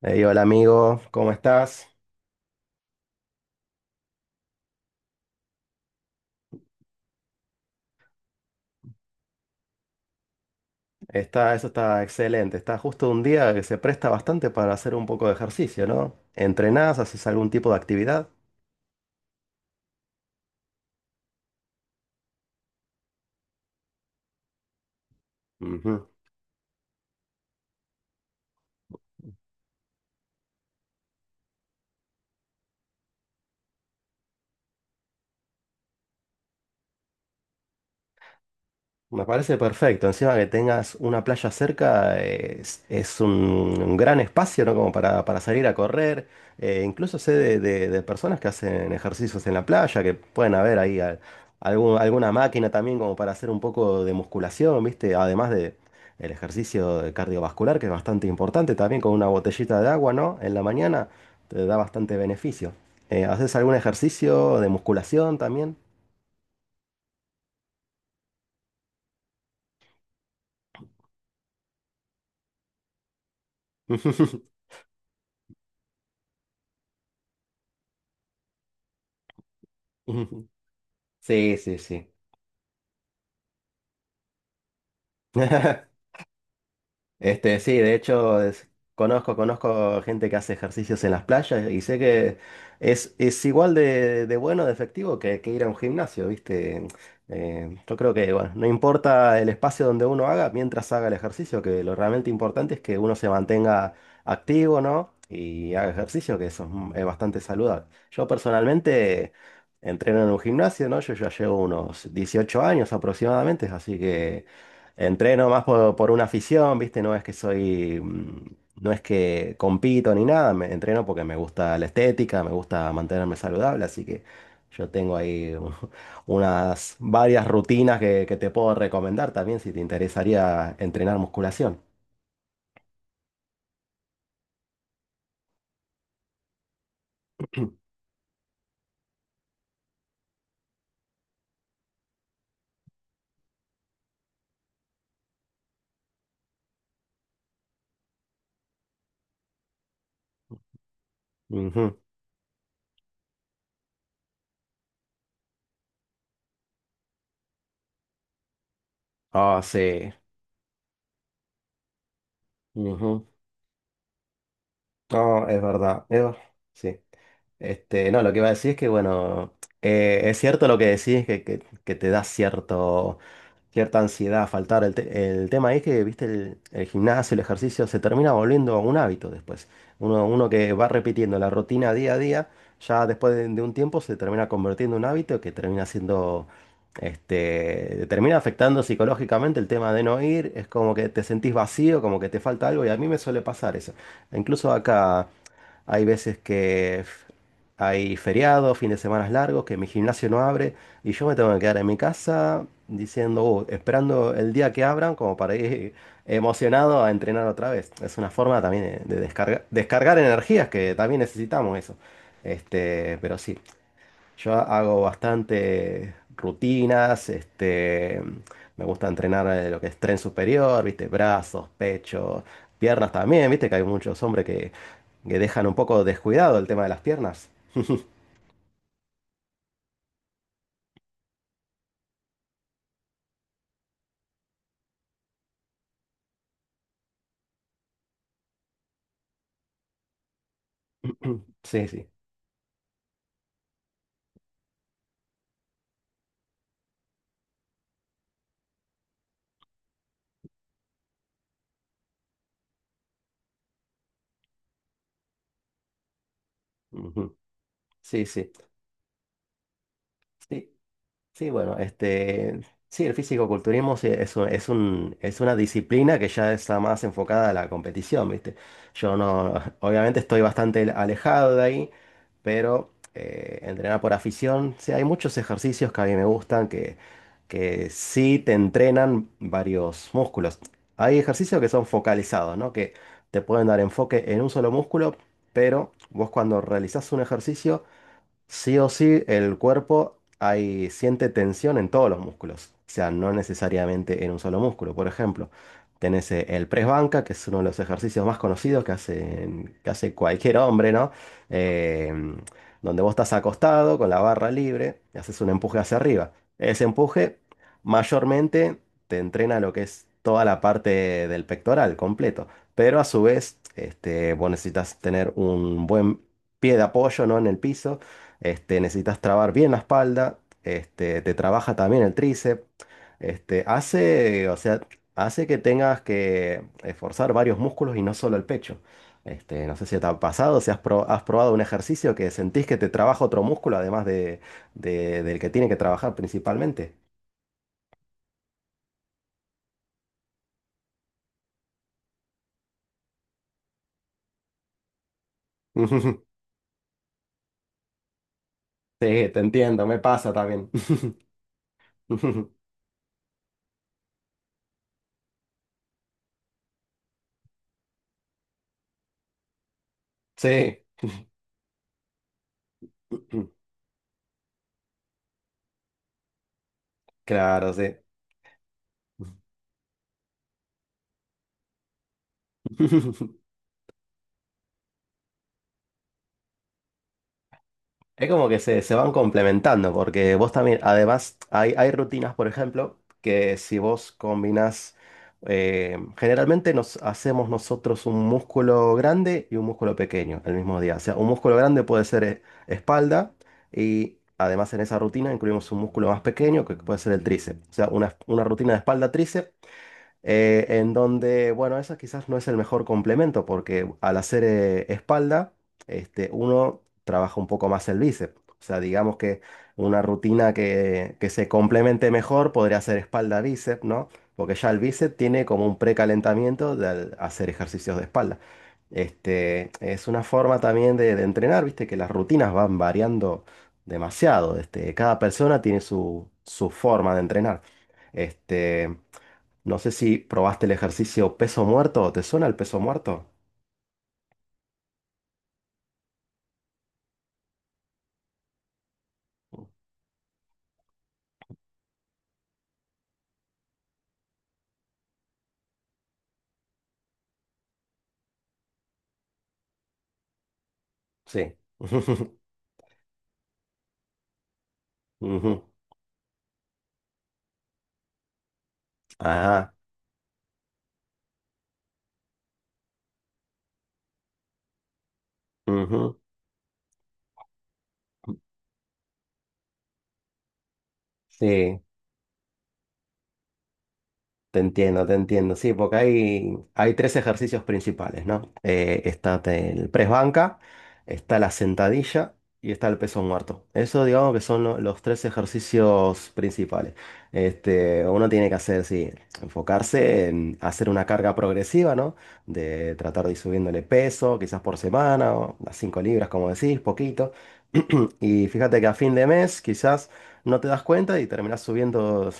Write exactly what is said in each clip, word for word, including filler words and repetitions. Ey, hola amigo, ¿cómo estás? Está, eso está excelente. Está justo un día que se presta bastante para hacer un poco de ejercicio, ¿no? ¿Entrenás? ¿Haces algún tipo de actividad? Ujú. Me parece perfecto. Encima que tengas una playa cerca, eh, es, es un, un gran espacio, ¿no? Como para, para salir a correr. Eh, incluso sé de, de- de personas que hacen ejercicios en la playa, que pueden haber ahí al- algún- alguna máquina también como para hacer un poco de musculación, ¿viste? Además de el ejercicio de cardiovascular, que es bastante importante, también con una botellita de agua, ¿no? En la mañana te da bastante beneficio. Eh, ¿haces algún ejercicio de musculación también? Sí, sí, sí. Este, sí, de hecho, es- conozco, conozco gente que hace ejercicios en las playas y sé que es, es igual de, de bueno, de efectivo que, que ir a un gimnasio, ¿viste? Eh, yo creo que, bueno, no importa el espacio donde uno haga, mientras haga el ejercicio, que lo realmente importante es que uno se mantenga activo, ¿no? Y haga ejercicio, que eso es, m- es bastante saludable. Yo personalmente entreno en un gimnasio, ¿no? Yo ya llevo unos dieciocho años aproximadamente, así que... Entreno más por, por una afición, ¿viste? No es que soy, mm, no es que compito ni nada, me entreno porque me gusta la estética, me gusta mantenerme saludable, así que yo tengo ahí unas varias rutinas que, que te puedo recomendar también si te interesaría entrenar musculación. Ujú. Ah, sí. Ujú. No, es verdad. es ver- sí. Este, no, lo que iba a decir es que, bueno, eh, es cierto lo que decís, que, que, que te da cierto cierta ansiedad, faltar. El, te- el tema es que, viste, el, el gimnasio, el ejercicio, se termina volviendo un hábito después. Uno, uno que va repitiendo la rutina día a día, ya después de, de un tiempo se termina convirtiendo en un hábito que termina siendo, este, termina afectando psicológicamente el tema de no ir. Es como que te sentís vacío, como que te falta algo y a mí me suele pasar eso. Incluso acá... Hay veces que f- hay feriados, fines de semana largos, que mi gimnasio no abre y yo me tengo que quedar en mi casa diciendo, "Uh, esperando el día que abran como para ir emocionado a entrenar otra vez. Es una forma también eh, de descargar, descargar energías que también necesitamos eso. Este, pero sí, yo hago bastante rutinas, este, me gusta entrenar eh, lo que es tren superior, ¿viste? Brazos, pecho, piernas también, ¿viste? Que hay muchos hombres que, que dejan un poco descuidado el tema de las piernas. Sí, sí. Ujú. Sí, sí. Sí. Sí, bueno, este, sí, el físico-culturismo sí es un- es un- es una disciplina que ya está más enfocada a la competición, ¿viste? Yo no, obviamente estoy bastante alejado de ahí, pero eh, entrenar por afición, sí, hay muchos ejercicios que a mí me gustan que, que sí te entrenan varios músculos. Hay ejercicios que son focalizados, ¿no? Que te pueden dar enfoque en un solo músculo, pero vos cuando realizás un ejercicio sí o sí, el cuerpo hay, siente tensión en todos los músculos, o sea, no necesariamente en un solo músculo. Por ejemplo, tenés eh, el press banca, que es uno de los ejercicios más conocidos que hacen, que hace cualquier hombre, ¿no? Eh, Donde vos estás acostado con la barra libre y haces un empuje hacia arriba. Ese empuje mayormente te entrena lo que es toda la parte del pectoral completo, pero a su vez, este, vos necesitas tener un buen pie de apoyo, ¿no? En el piso este, necesitas trabar bien la espalda, este, te trabaja también el tríceps, este, hace, o sea, hace que tengas que esforzar varios músculos y no solo el pecho. Este, no sé si te ha pasado, si has, pro- has probado un ejercicio que sentís que te trabaja otro músculo además de, de- del que tiene que trabajar principalmente. Sí, te entiendo, me pasa también. Sí, claro, sí. Es como que se, se van complementando, porque vos también, además, hay, hay rutinas, por ejemplo, que si vos combinás, eh, generalmente nos hacemos nosotros un músculo grande y un músculo pequeño el mismo día. O sea, un músculo grande puede ser eh, espalda y además en esa rutina incluimos un músculo más pequeño que puede ser el tríceps. O sea, una, una rutina de espalda-tríceps eh, en donde, bueno, eso quizás no es el mejor complemento porque al hacer eh, espalda, este, uno trabaja un poco más el bíceps. O sea, digamos que una rutina que, que se complemente mejor podría ser espalda-bíceps, ¿no? Porque ya el bíceps tiene como un precalentamiento de al hacer ejercicios de espalda. Este, es una forma también de, de entrenar, viste, que las rutinas van variando demasiado. Este, cada persona tiene su, su forma de entrenar. Este, no sé si probaste el ejercicio peso muerto. ¿Te suena el peso muerto? Sí. Ujú. Ajá. Ujú. Sí. Te entiendo, te entiendo. Sí, porque hay, hay tres ejercicios principales, ¿no? Eh, está el press banca, está la sentadilla y está el peso muerto. Eso, digamos que son lo- los tres ejercicios principales. Este, uno tiene que hacer, sí, enfocarse en hacer una carga progresiva, ¿no? De tratar de ir subiéndole peso, quizás por semana, o las cinco libras, como decís, poquito. Y fíjate que a fin de mes, quizás no te das cuenta y terminás subiendo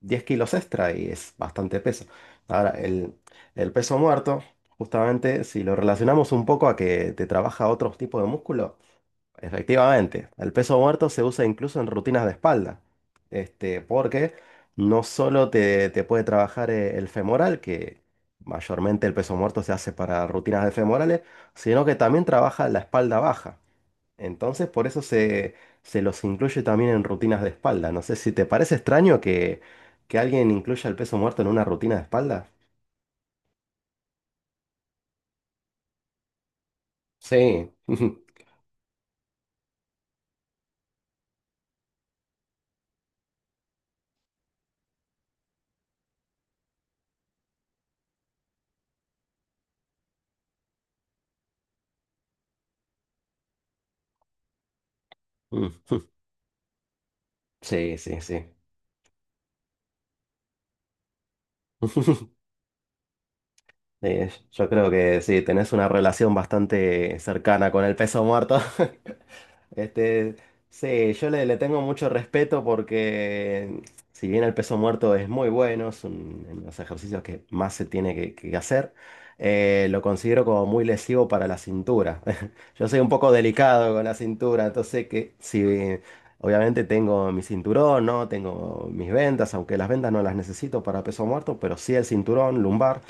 diez kilos extra y es bastante peso. Ahora, el, el peso muerto, justamente si lo relacionamos un poco a que te trabaja otros tipos de músculo, efectivamente, el peso muerto se usa incluso en rutinas de espalda, este, porque no solo te, te puede trabajar eh, el femoral, que mayormente el peso muerto se hace para rutinas de femorales, sino que también trabaja la espalda baja. Entonces, por eso se, se los incluye también en rutinas de espalda. No sé si te parece extraño que, que alguien incluya el peso muerto en una rutina de espalda. Sí. Mm. Sí, sí, sí. Sí, yo creo que sí, tenés una relación bastante cercana con el peso muerto. Este, sí, yo le, le tengo mucho respeto porque si bien el peso muerto es muy bueno, es un- en los ejercicios que más se tiene que, que hacer, eh, lo considero como muy lesivo para la cintura. Yo soy un poco delicado con la cintura, entonces que si obviamente tengo mi cinturón, ¿no? Tengo mis vendas, aunque las vendas no las necesito para peso muerto, pero sí el cinturón lumbar.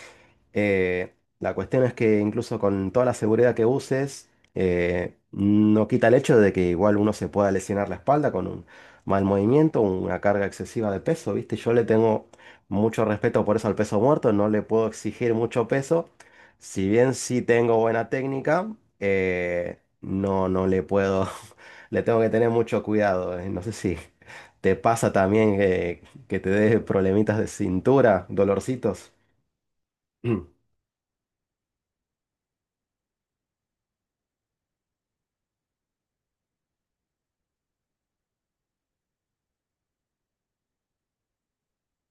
Eh, la cuestión es que incluso con toda la seguridad que uses, eh, no quita el hecho de que igual uno se pueda lesionar la espalda con un mal movimiento, una carga excesiva de peso, ¿viste? Yo le tengo mucho respeto por eso al peso muerto, no le puedo exigir mucho peso. Si bien sí tengo buena técnica, eh, no, no le puedo, le tengo que tener mucho cuidado. eh, No sé si te pasa también que, que te dé problemitas de cintura, dolorcitos.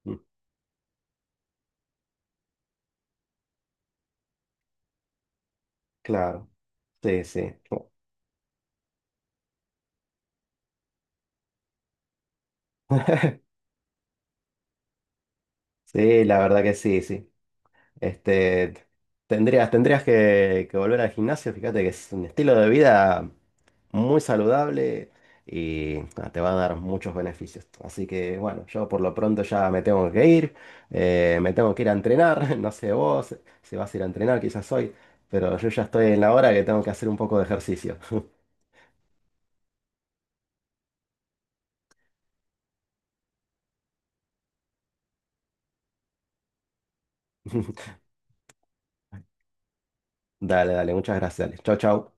Claro, sí, sí. Oh, sí, la verdad que sí, sí. Este, tendrías, Tendrías que, que volver al gimnasio, fíjate que es un estilo de vida muy saludable y ah, te va a dar muchos beneficios. Así que bueno, yo por lo pronto ya me tengo que ir, eh, me tengo que ir a entrenar, no sé vos si vas a ir a entrenar, quizás hoy, pero yo ya estoy en la hora que tengo que hacer un poco de ejercicio. Dale, dale, muchas gracias. Dale. Chau, chau.